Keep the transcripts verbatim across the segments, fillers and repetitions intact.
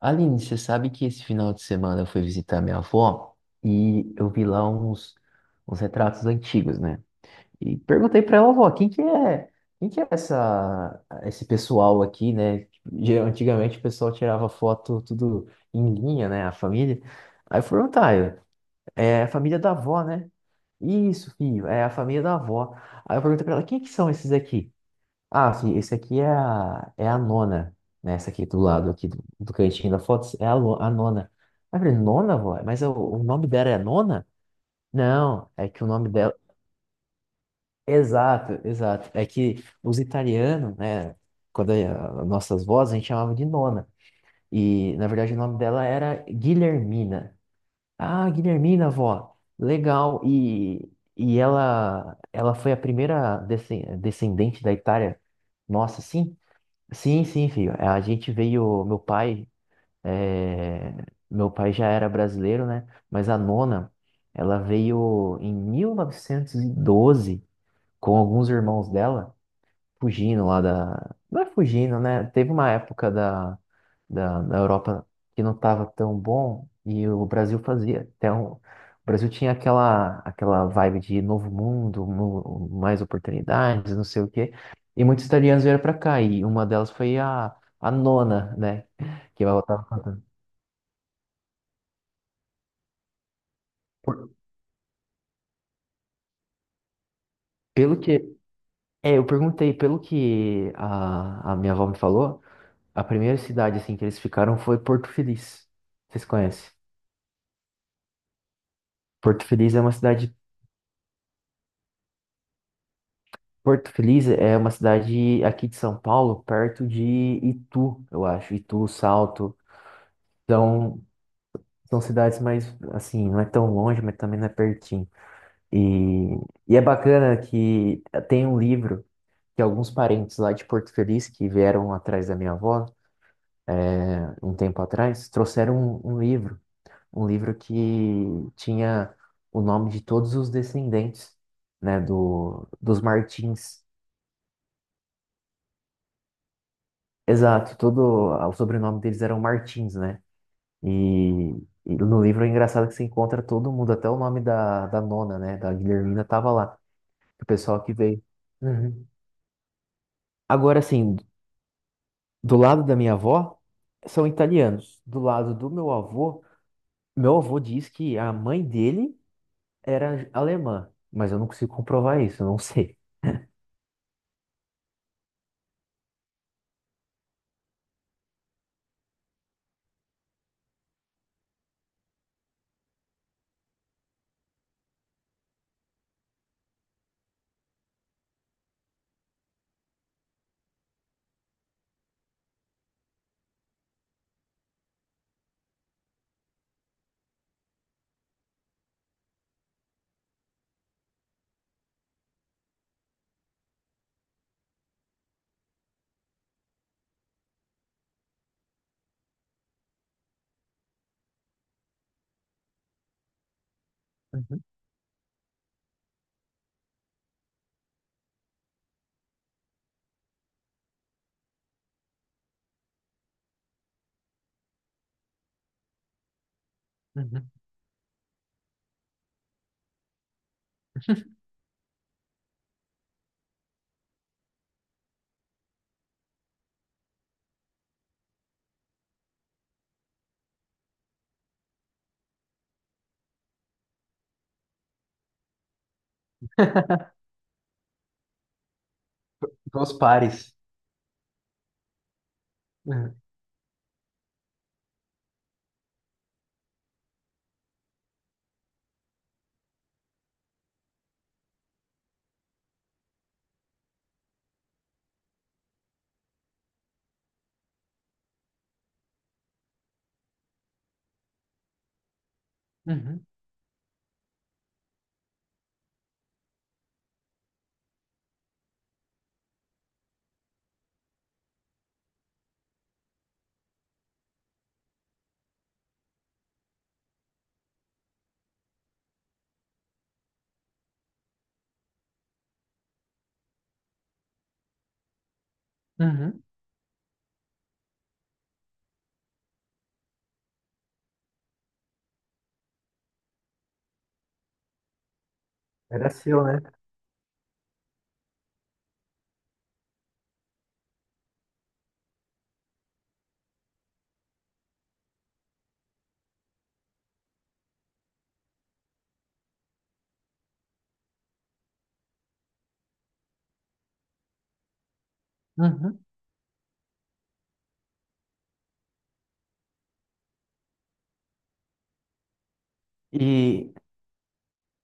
Aline, você sabe que esse final de semana eu fui visitar minha avó e eu vi lá uns, uns retratos antigos, né? E perguntei pra ela, avó, quem que é, quem que é essa, esse pessoal aqui, né? Geral- Antigamente o pessoal tirava foto tudo em linha, né? A família. Aí eu fui perguntar, eu, é a família da avó, né? Isso, filho, é a família da avó. Aí eu perguntei pra ela, quem é que são esses aqui? Ah, sim, esse aqui é a, é a nona, né? Essa aqui do lado, aqui do, do cantinho da foto, é a, lo- a nona. Aí eu falei, nona, vó? Mas o, o nome dela é nona? Não, é que o nome dela... Exato, exato. É que os italianos, né? Quando é a- nossas vozes, a gente chamava de nona. E, na verdade, o nome dela era Guilhermina. Ah, Guilhermina, vó. Legal. E, e ela, ela foi a primeira descen- descendente da Itália. Nossa, sim. Sim, sim, filho. É, a gente veio, meu pai, eh, meu pai já era brasileiro, né? Mas a nona, ela veio em mil novecentos e doze com alguns irmãos dela fugindo lá da. Não é fugindo, né? Teve uma época da, da, da Europa que não estava tão bom e o Brasil fazia. Então, o Brasil tinha aquela, aquela vibe de novo mundo, mu- mais oportunidades, não sei o quê. E muitos italianos vieram para cá e uma delas foi a, a nona, né? Que ela tava... por- Pelo que. É, eu perguntei, pelo que a, a minha avó me falou, a primeira cidade assim que eles ficaram foi Porto Feliz. Vocês conhecem? Porto Feliz é uma cidade. Porto Feliz é uma cidade aqui de São Paulo, perto de Itu, eu acho. Itu, Salto. Então, são cidades mais, assim, não é tão longe, mas também não é pertinho. E, e é bacana que tem um livro que alguns parentes lá de Porto Feliz, que vieram atrás da minha avó, é, um tempo atrás, trouxeram um, um livro. Um livro que tinha o nome de todos os descendentes, né, do, dos Martins. Exato, todo o sobrenome deles eram Martins, né? E, e no livro é engraçado que você encontra todo mundo, até o nome da, da nona, né? Da Guilhermina tava lá. O pessoal que veio. Uhum. Agora, assim, do lado da minha avó, são italianos. Do lado do meu avô, meu avô diz que a mãe dele era alemã, mas eu não consigo comprovar isso, eu não sei. Uhum, uhum. Dos pares. Uhum, uhum, uhum. Era seu, né? Uhum. E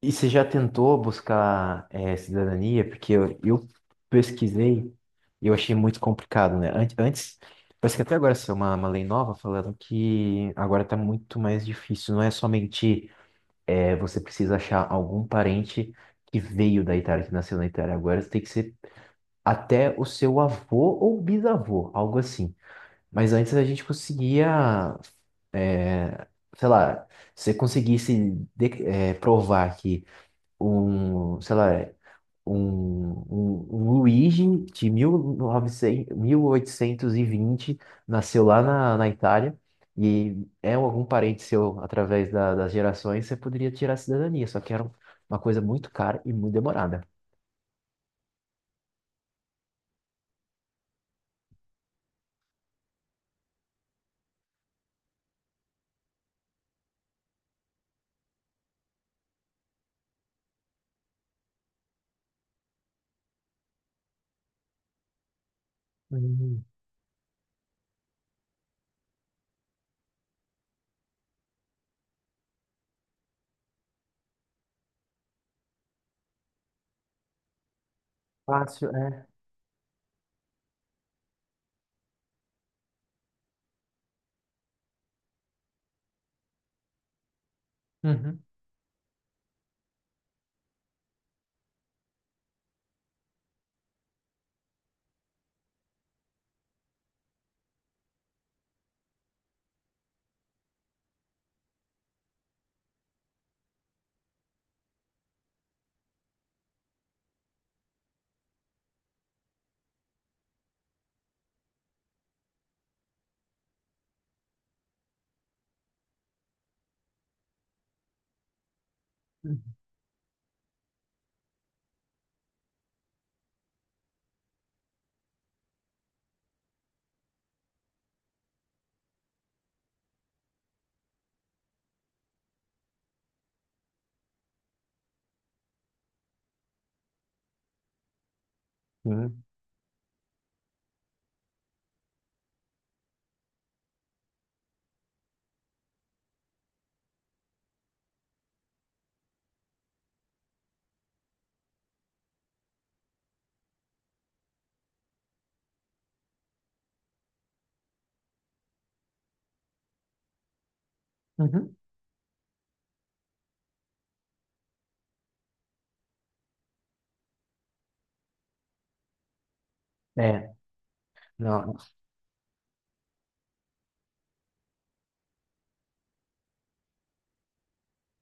E você já tentou buscar eh, cidadania? Porque eu, eu pesquisei e eu achei muito complicado, né? An- Antes, parece que até agora saiu uma, uma lei nova falando que agora tá muito mais difícil. Não é somente eh, você precisa achar algum parente que veio da Itália, que nasceu na Itália. Agora tem que ser até o seu avô ou bisavô, algo assim. Mas antes a gente conseguia, eh, sei lá, se você conseguisse de- eh, provar que um, sei lá, é um, um, um Luigi de mil e novecentos, mil oitocentos e vinte nasceu lá na, na Itália, e é um, algum parente seu através da- das gerações, você poderia tirar a cidadania, só que era uma coisa muito cara e muito demorada. Hum, fácil, é. Uhum, uhum, uhum. É, não,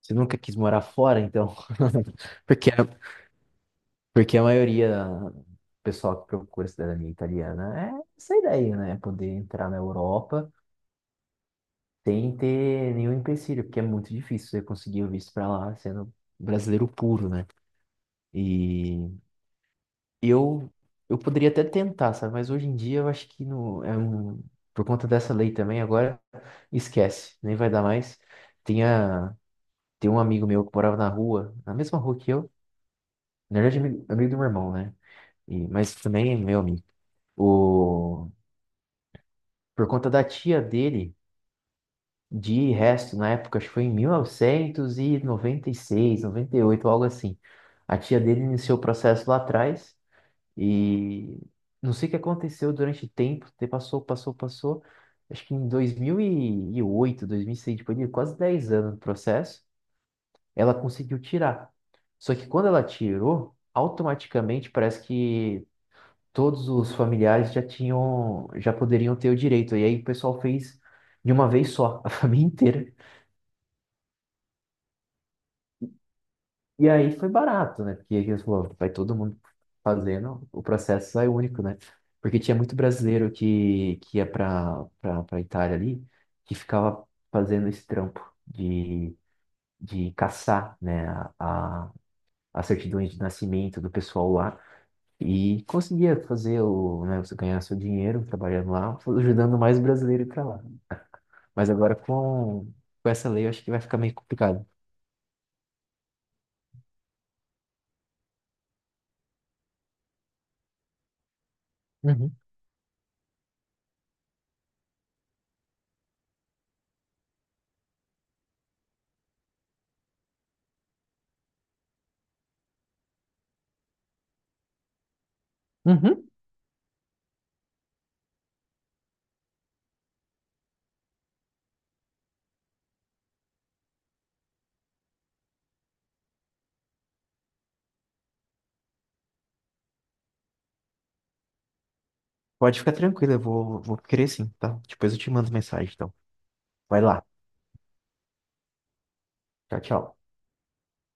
você nunca quis morar fora, então, porque é porque a maioria do pessoal que procura cidadania italiana é essa ideia, né? Poder entrar na Europa sem ter nenhum empecilho, porque é muito difícil você conseguir o visto para lá sendo brasileiro puro, né? E eu eu poderia até tentar, sabe? Mas hoje em dia eu acho que não é um por conta dessa lei também agora esquece, nem vai dar mais. Tinha tem um amigo meu que morava na rua, na mesma rua que eu, na verdade amigo, amigo do meu irmão, né? E, mas também é meu amigo. O por conta da tia dele, de resto, na época, acho que foi em mil e e noventa noventa seis noventa e oito algo assim. A tia dele iniciou o processo lá atrás e não sei o que aconteceu durante o tempo, te- passou, passou, passou. Acho que em dois mil e oito, dois mil e seis, depois de quase dez anos do processo, ela conseguiu tirar. Só que quando ela tirou, automaticamente parece que todos os familiares já tinham, já poderiam ter o direito. E aí o pessoal fez de uma vez só, a família inteira. E aí foi barato, né? Porque eles falaram, vai todo mundo fazendo, o processo sai único, né? Porque tinha muito brasileiro que, que ia para para Itália ali, que ficava fazendo esse trampo de, de caçar, né, a, a, a certidão de nascimento do pessoal lá. E conseguia fazer o, né, você ganhar seu dinheiro trabalhando lá, ajudando mais brasileiro para lá. Mas agora com, com essa lei eu acho que vai ficar meio complicado. Uhum. Uhum. Pode ficar tranquilo, eu vou, vou querer sim, tá? Depois eu te mando mensagem, então. Vai lá. Tchau, tchau.